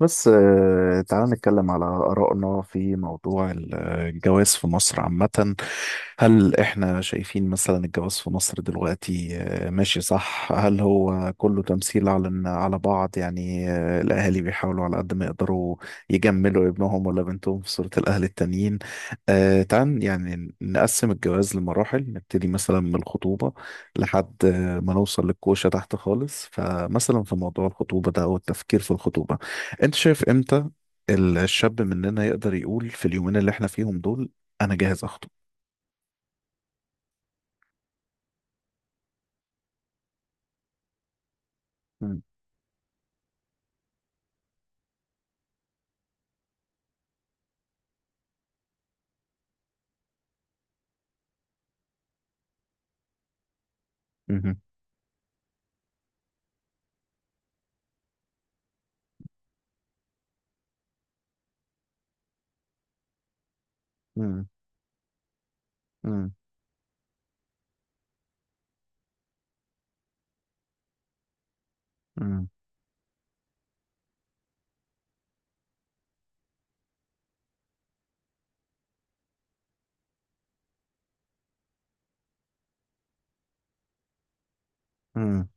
بس تعال نتكلم على آرائنا في موضوع الجواز في مصر عامة. هل احنا شايفين مثلا الجواز في مصر دلوقتي ماشي؟ صح، هل هو كله تمثيل على بعض؟ يعني الأهالي بيحاولوا على قد ما يقدروا يجملوا ابنهم ولا بنتهم في صورة الأهل التانيين. تعال يعني نقسم الجواز لمراحل، نبتدي مثلا من الخطوبة لحد ما نوصل للكوشة تحت خالص. فمثلا في موضوع الخطوبة ده أو التفكير في الخطوبة، انت شايف امتى الشاب مننا يقدر يقول في اليومين اللي احنا فيهم دول: انا جاهز اخطب؟ مم. مهم. مم. مم. مم. مم.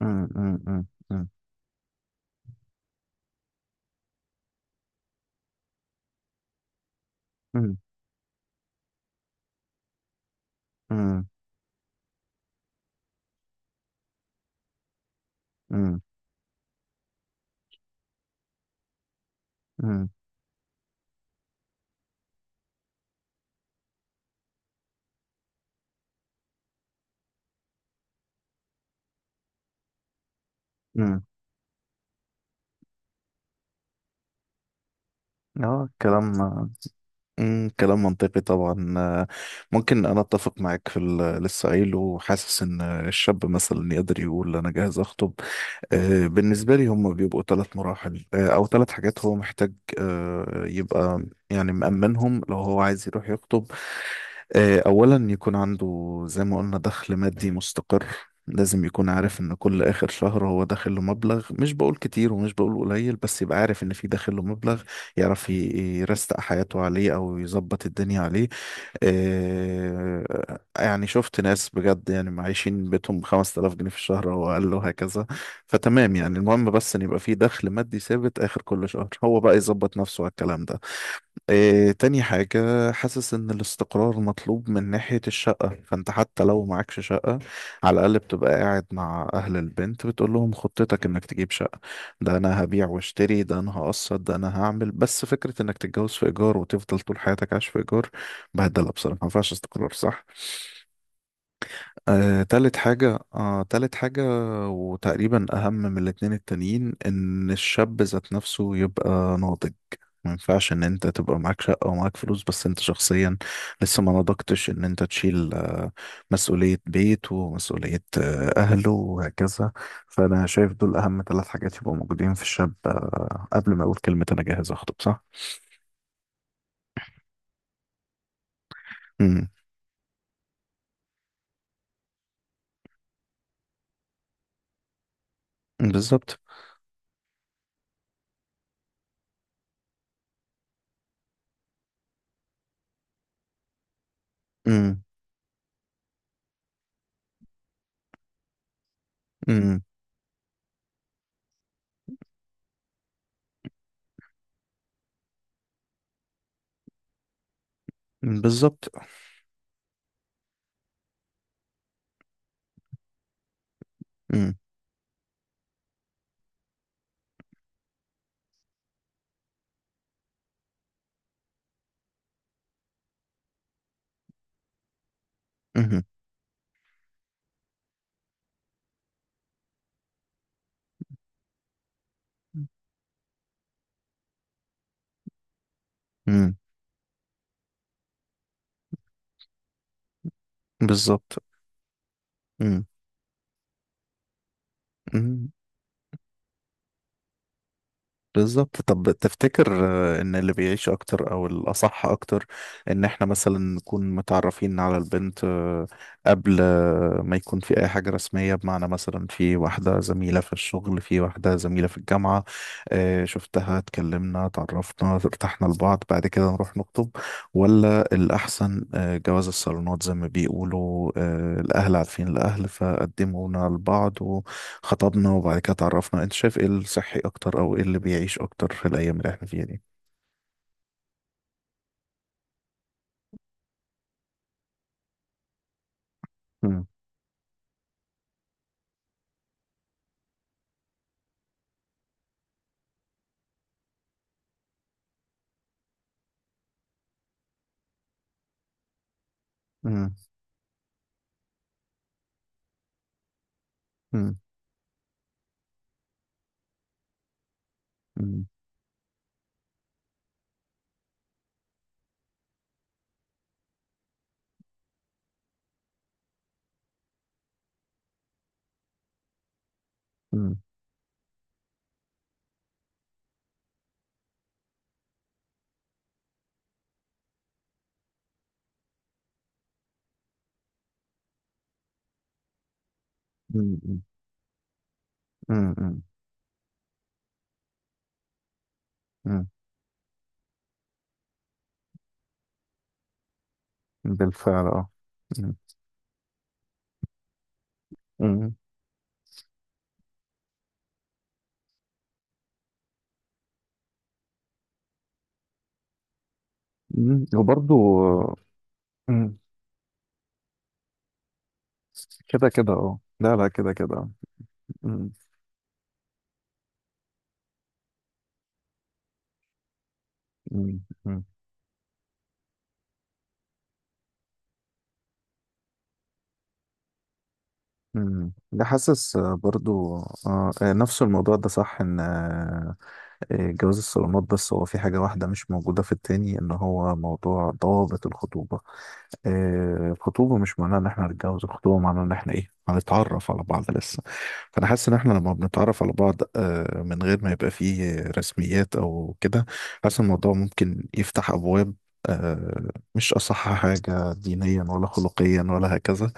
مم. مم. مم. مم. مم. مم. مم. مم. اه، كلام منطقي طبعا. ممكن انا اتفق معاك في اللي لسه قايله، وحاسس ان الشاب مثلا يقدر يقول انا جاهز اخطب. بالنسبة لي هم بيبقوا ثلاث مراحل، أو ثلاث حاجات هو محتاج يبقى يعني مأمنهم لو هو عايز يروح يخطب. أولا، يكون عنده زي ما قلنا دخل مادي مستقر. لازم يكون عارف إن كل آخر شهر هو داخل له مبلغ، مش بقول كتير ومش بقول قليل، بس يبقى عارف إن في داخل له مبلغ، يعرف يرستق حياته عليه أو يظبط الدنيا عليه. يعني شفت ناس بجد يعني معيشين بيتهم ب 5000 جنيه في الشهر او اقل، وهكذا. فتمام، يعني المهم بس ان يبقى في دخل مادي ثابت اخر كل شهر، هو بقى يظبط نفسه على الكلام ده. إيه تاني حاجة؟ حاسس إن الاستقرار مطلوب من ناحية الشقة. فأنت حتى لو معكش شقة، على الأقل بتبقى قاعد مع أهل البنت بتقول لهم خطتك إنك تجيب شقة: ده أنا هبيع واشتري، ده أنا هقسط، ده أنا هعمل. بس فكرة إنك تتجوز في إيجار وتفضل طول حياتك عايش في إيجار بهدلة بصراحة، ما ينفعش. استقرار، صح. تالت حاجة، وتقريبا أهم من الاتنين التانيين، إن الشاب ذات نفسه يبقى ناضج. ما ينفعش إن أنت تبقى معاك شقة ومعاك فلوس بس أنت شخصيا لسه ما نضجتش إن أنت تشيل مسؤولية بيت ومسؤولية أهله وهكذا. فأنا شايف دول أهم تلات حاجات يبقوا موجودين في الشاب قبل ما أقول كلمة أنا جاهز أخطب، صح؟ امم. بالظبط. امم. امم. بالظبط. امم. امم. امم. بالظبط. مم. مم. بالظبط. طب، تفتكر ان اللي بيعيش اكتر او الاصح اكتر ان احنا مثلا نكون متعرفين على البنت قبل ما يكون في اي حاجة رسمية؟ بمعنى، مثلا في واحدة زميلة في الشغل، في واحدة زميلة في الجامعة، شفتها، اتكلمنا، اتعرفنا، ارتحنا لبعض، بعد كده نروح نخطب؟ ولا الاحسن جواز الصالونات، زي ما بيقولوا، الاهل عارفين الاهل، فقدمونا لبعض، خطبنا وبعد كده اتعرفنا؟ انت شايف ايه الصحي اكتر، او ايه اللي بيعيش اكتر في الايام اللي احنا فيها دي؟ مم. مم. مم. مم. مم. مم. مم. مم. مم. بالفعل، اه. مم. مم. مم. وبرضو، مم. كده كده، اه. لا لا، كده كده، اه. مم. مم. مم. مم. ده، حاسس برضو، نفس الموضوع ده، صح. ان جواز الصالونات، بس هو في حاجة واحدة مش موجودة في التاني، ان هو موضوع ضوابط الخطوبة. الخطوبة مش معناها ان احنا هنتجوز، الخطوبة معناها ان احنا ايه، هنتعرف على بعض لسه. فانا حاسس ان احنا لما بنتعرف على بعض من غير ما يبقى فيه رسميات او كده، حاسس إن الموضوع ممكن يفتح ابواب، مش اصح حاجة دينيا ولا خلقيا ولا هكذا.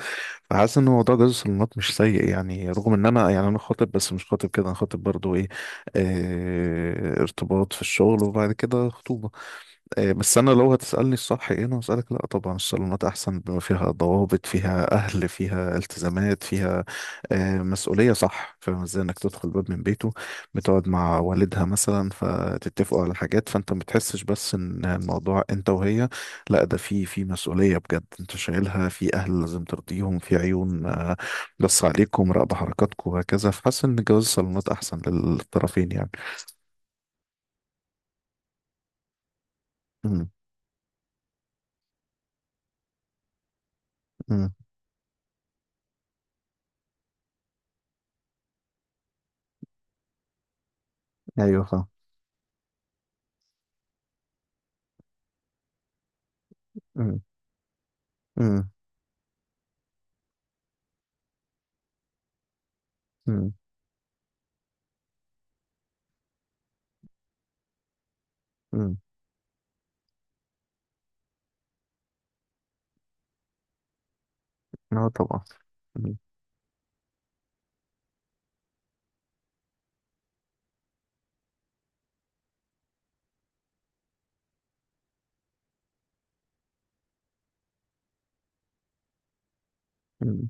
فحاسس ان موضوع جواز الصالونات مش سيء، يعني رغم ان انا يعني انا خاطب، بس مش خاطب كده، انا خاطب برضو ايه، ارتباط في الشغل وبعد كده خطوبة. إيه، بس انا لو هتسالني الصح ايه، انا هسالك: لا، طبعا الصالونات احسن، بما فيها ضوابط، فيها اهل، فيها التزامات، فيها مسؤوليه، صح. فاهم ازاي انك تدخل باب من بيته، بتقعد مع والدها مثلا، فتتفقوا على حاجات، فانت ما بتحسش بس ان الموضوع انت وهي، لا، ده في مسؤوليه بجد انت شايلها، في اهل لازم ترضيهم، في عيون بس عليكم، راقبه حركاتكم وهكذا. فحاسس ان جواز الصالونات احسن للطرفين يعني. امم. امم. ايوه، فاهم. امم. امم. مم. اه، طبعا. مم. مم.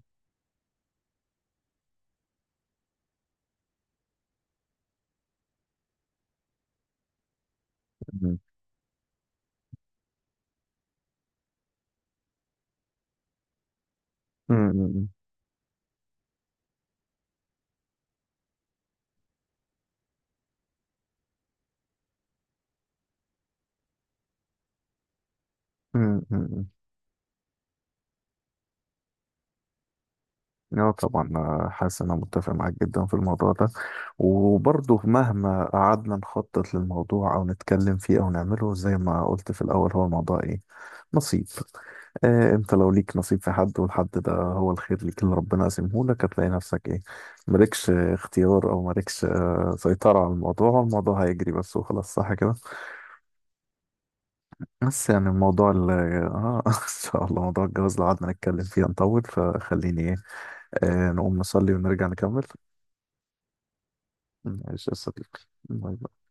مم. مم. مم. مم. اه، طبعا، حاسس انا متفق معاك جدا في الموضوع ده. وبرضه مهما قعدنا نخطط للموضوع او نتكلم فيه او نعمله، زي ما قلت في الاول، هو الموضوع ايه، نصيب. آه، انت لو ليك نصيب في حد، والحد ده هو الخير ليك اللي ربنا قاسمه لك، هتلاقي نفسك ايه، مالكش اختيار او مالكش، آه، سيطرة على الموضوع. الموضوع هيجري بس وخلاص، صح كده؟ بس يعني، الموضوع ال اه ان شاء الله موضوع الجواز لو قعدنا نتكلم فيه هنطول، فخليني ايه، نقوم نصلي ونرجع نكمل. ماشي يا صديقي. باي باي.